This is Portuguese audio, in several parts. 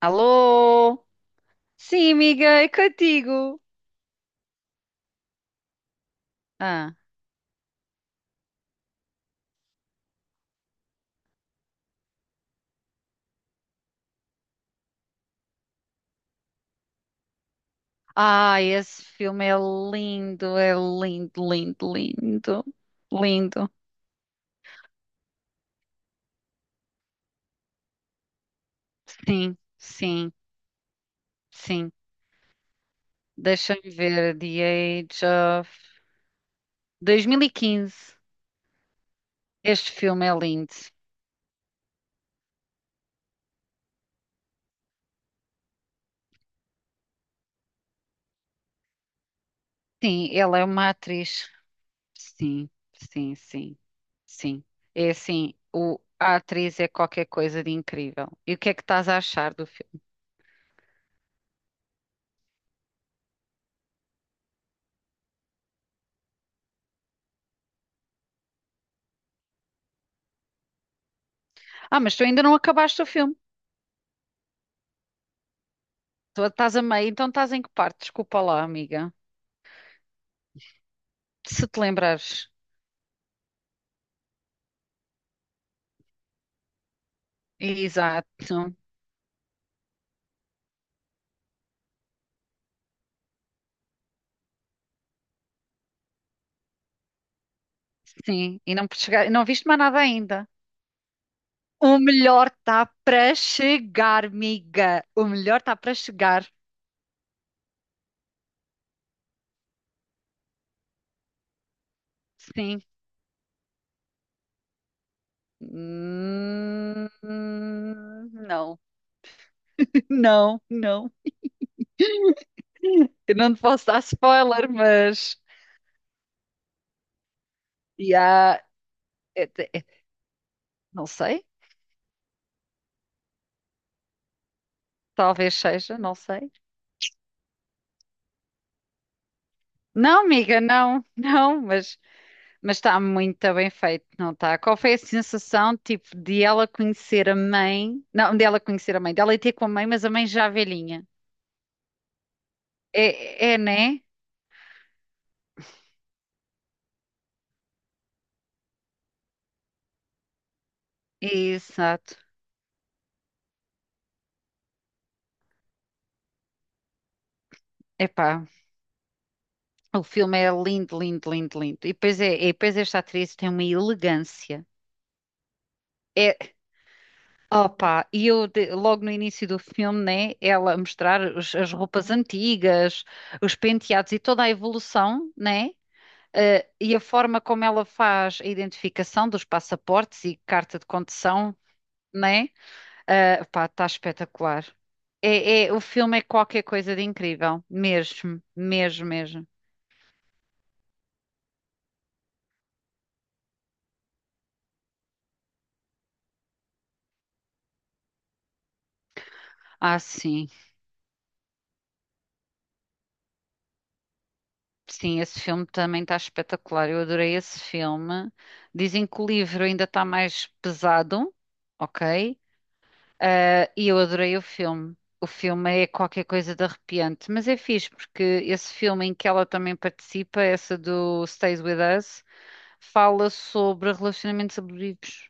Alô? Sim, amiga, é contigo. Ah. Ah, esse filme é lindo, lindo, lindo. Lindo. Sim, sim, sim. Deixa-me ver. The Age of 2015. Este filme é lindo. Sim, ela é uma atriz. Sim, sim, sim, sim. É assim, a atriz é qualquer coisa de incrível. E o que é que estás a achar do filme? Ah, mas tu ainda não acabaste o filme. Tu estás a meio, então estás em que parte? Desculpa lá, amiga. Se te lembrares. Exato. Sim, e não chegar, não viste mais nada ainda. O melhor está para chegar, amiga. O melhor está para chegar. Sim. Hum, não, não, não. Eu não te posso dar spoiler, mas. Yeah, é- é- não sei. Talvez seja, não sei. Não, amiga, não, não, mas. Mas está muito bem feito, não está? Qual foi a sensação, tipo, de ela conhecer a mãe? Não, de ela conhecer a mãe, dela ir ter com a mãe, mas a mãe já velhinha. É, é, é, né? Exato. Epá, o filme é lindo, lindo, lindo, lindo. E depois, é, e depois esta atriz tem uma elegância. É, opa, e eu logo no início do filme, né? Ela a mostrar as roupas antigas, os penteados e toda a evolução, né? E a forma como ela faz a identificação dos passaportes e carta de condução, né? Eh, pá, está espetacular. É, o filme é qualquer coisa de incrível, mesmo, mesmo, mesmo. Ah, sim, sim, esse filme também está espetacular. Eu adorei esse filme. Dizem que o livro ainda está mais pesado, ok? Ah, e eu adorei o filme. O filme é qualquer coisa de arrepiante, mas é fixe porque esse filme em que ela também participa, essa do Stays With Us, fala sobre relacionamentos abusivos,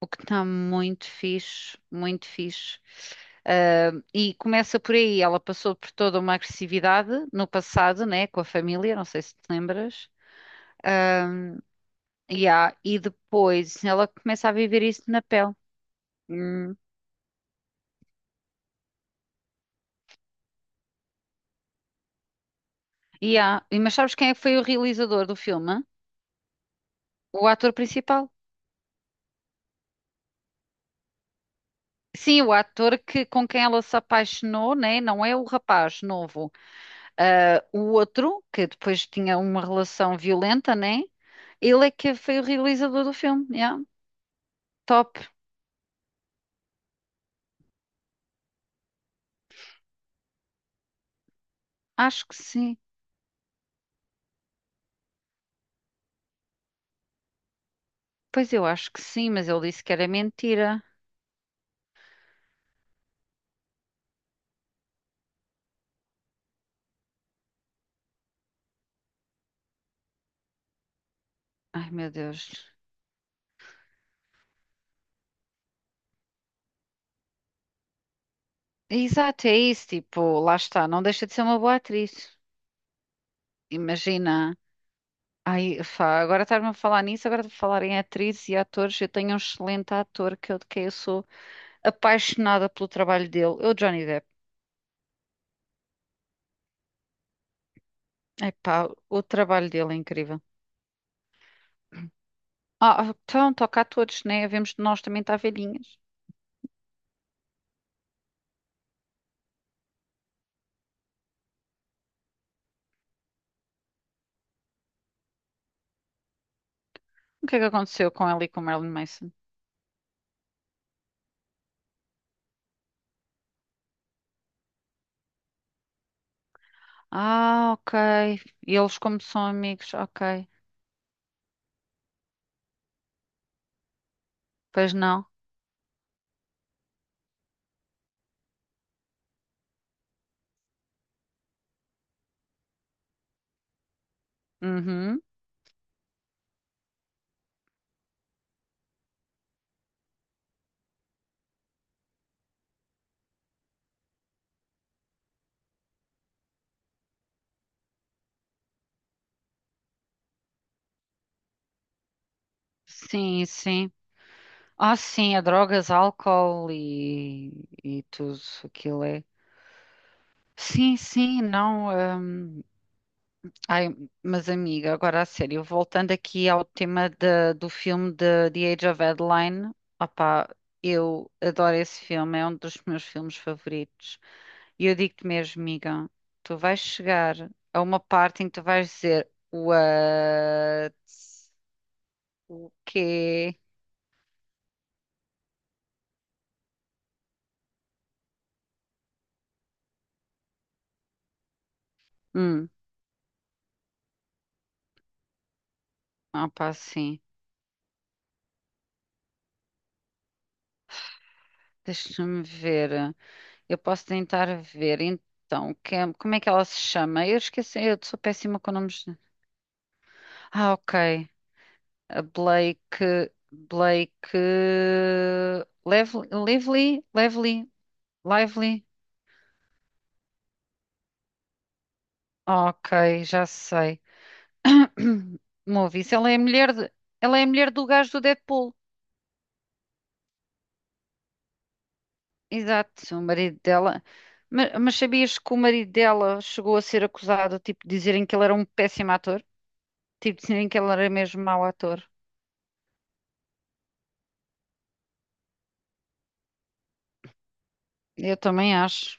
o que está muito fixe, muito fixe. Ah, e começa por aí, ela passou por toda uma agressividade no passado, né, com a família, não sei se te lembras. Yeah, e depois ela começa a viver isso na pele. Hum. Yeah. E mas sabes quem é que foi o realizador do filme? O ator principal. Sim, o ator que, com quem ela se apaixonou, né? Não é o rapaz novo. Ah, o outro, que depois tinha uma relação violenta, né? Ele é que foi o realizador do filme. Yeah. Top. Acho que sim. Pois eu acho que sim, mas ele disse que era mentira. Ai, meu Deus. Exato, é isso. Tipo, lá está. Não deixa de ser uma boa atriz. Imagina. Ai, fá, agora estás-me a falar nisso, agora de falar em atrizes e atores, eu tenho um excelente ator que eu, de quem eu sou apaixonada pelo trabalho dele. Eu, Johnny Depp. Epá, o trabalho dele é incrível. Ah, então, toca a todos, né? Vemos de nós também estar velhinhas. O que é que aconteceu com ela e com Marilyn Manson? Ah, ok. E eles como são amigos, ok. Pois não? Uhum. Sim, sim. Ah, sim, é drogas, álcool e tudo aquilo é. Sim, sim, não. Hum, ai, mas amiga, agora a sério, voltando aqui ao tema do filme de The Age of Adeline, opá, eu adoro esse filme, é um dos meus filmes favoritos. E eu digo-te mesmo, amiga, tu vais chegar a uma parte em que tu vais dizer What? O quê? Hum, opá, sim. Deixa-me ver. Eu posso tentar ver. Então, é, como é que ela se chama? Eu esqueci, eu sou péssima com nomes. Ah, ok. A Blake, Lively, Lively. Ok, já sei. Movies, ela é a mulher do gajo do Deadpool. Exato, o marido dela. Mas sabias que o marido dela chegou a ser acusado, tipo, de dizerem que ele era um péssimo ator? Tipo, dizerem que ele era mesmo mau ator. Eu também acho.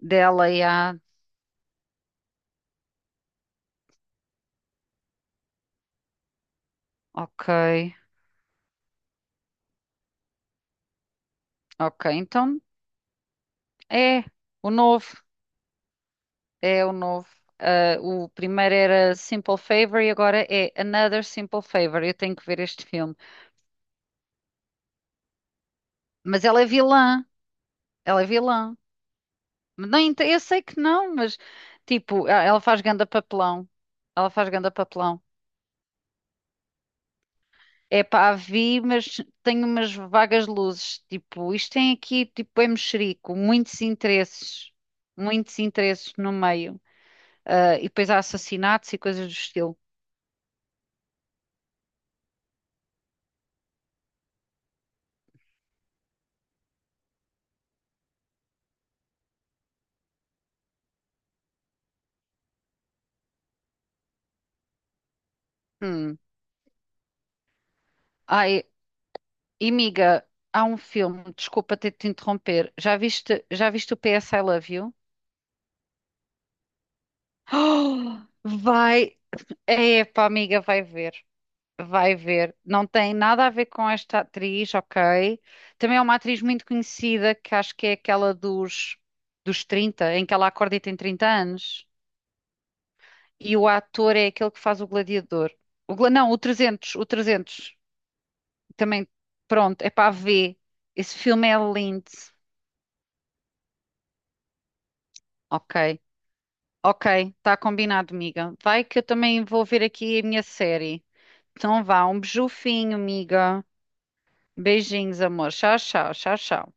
Dela e a. Ok, ok, então é o novo. É o novo. Ah, o primeiro era Simple Favor e agora é Another Simple Favor. Eu tenho que ver este filme. Mas ela é vilã. Ela é vilã. Não, eu sei que não, mas tipo, ah, ela faz ganda papelão. Ela faz ganda papelão. É pá, a vi, mas tenho umas vagas luzes. Tipo, isto tem aqui, tipo, é mexerico. Muitos interesses. Muitos interesses no meio. Ah, e depois há assassinatos e coisas do estilo. Hum. Ai, e, miga, há um filme, desculpa ter de te interromper. Já viste o PS I Love You? Oh, vai, epá, amiga, vai ver. Vai ver. Não tem nada a ver com esta atriz, ok? Também é uma atriz muito conhecida, que acho que é aquela dos, dos 30, em que ela acorda e tem 30 anos. E o ator é aquele que faz o Gladiador. O, não, o 300, o 300. Também, pronto, é para ver. Esse filme é lindo, ok? Ok, está combinado, amiga. Vai que eu também vou ver aqui a minha série. Então vá, um beijufinho, amiga. Beijinhos, amor. Tchau, tchau, tchau, tchau.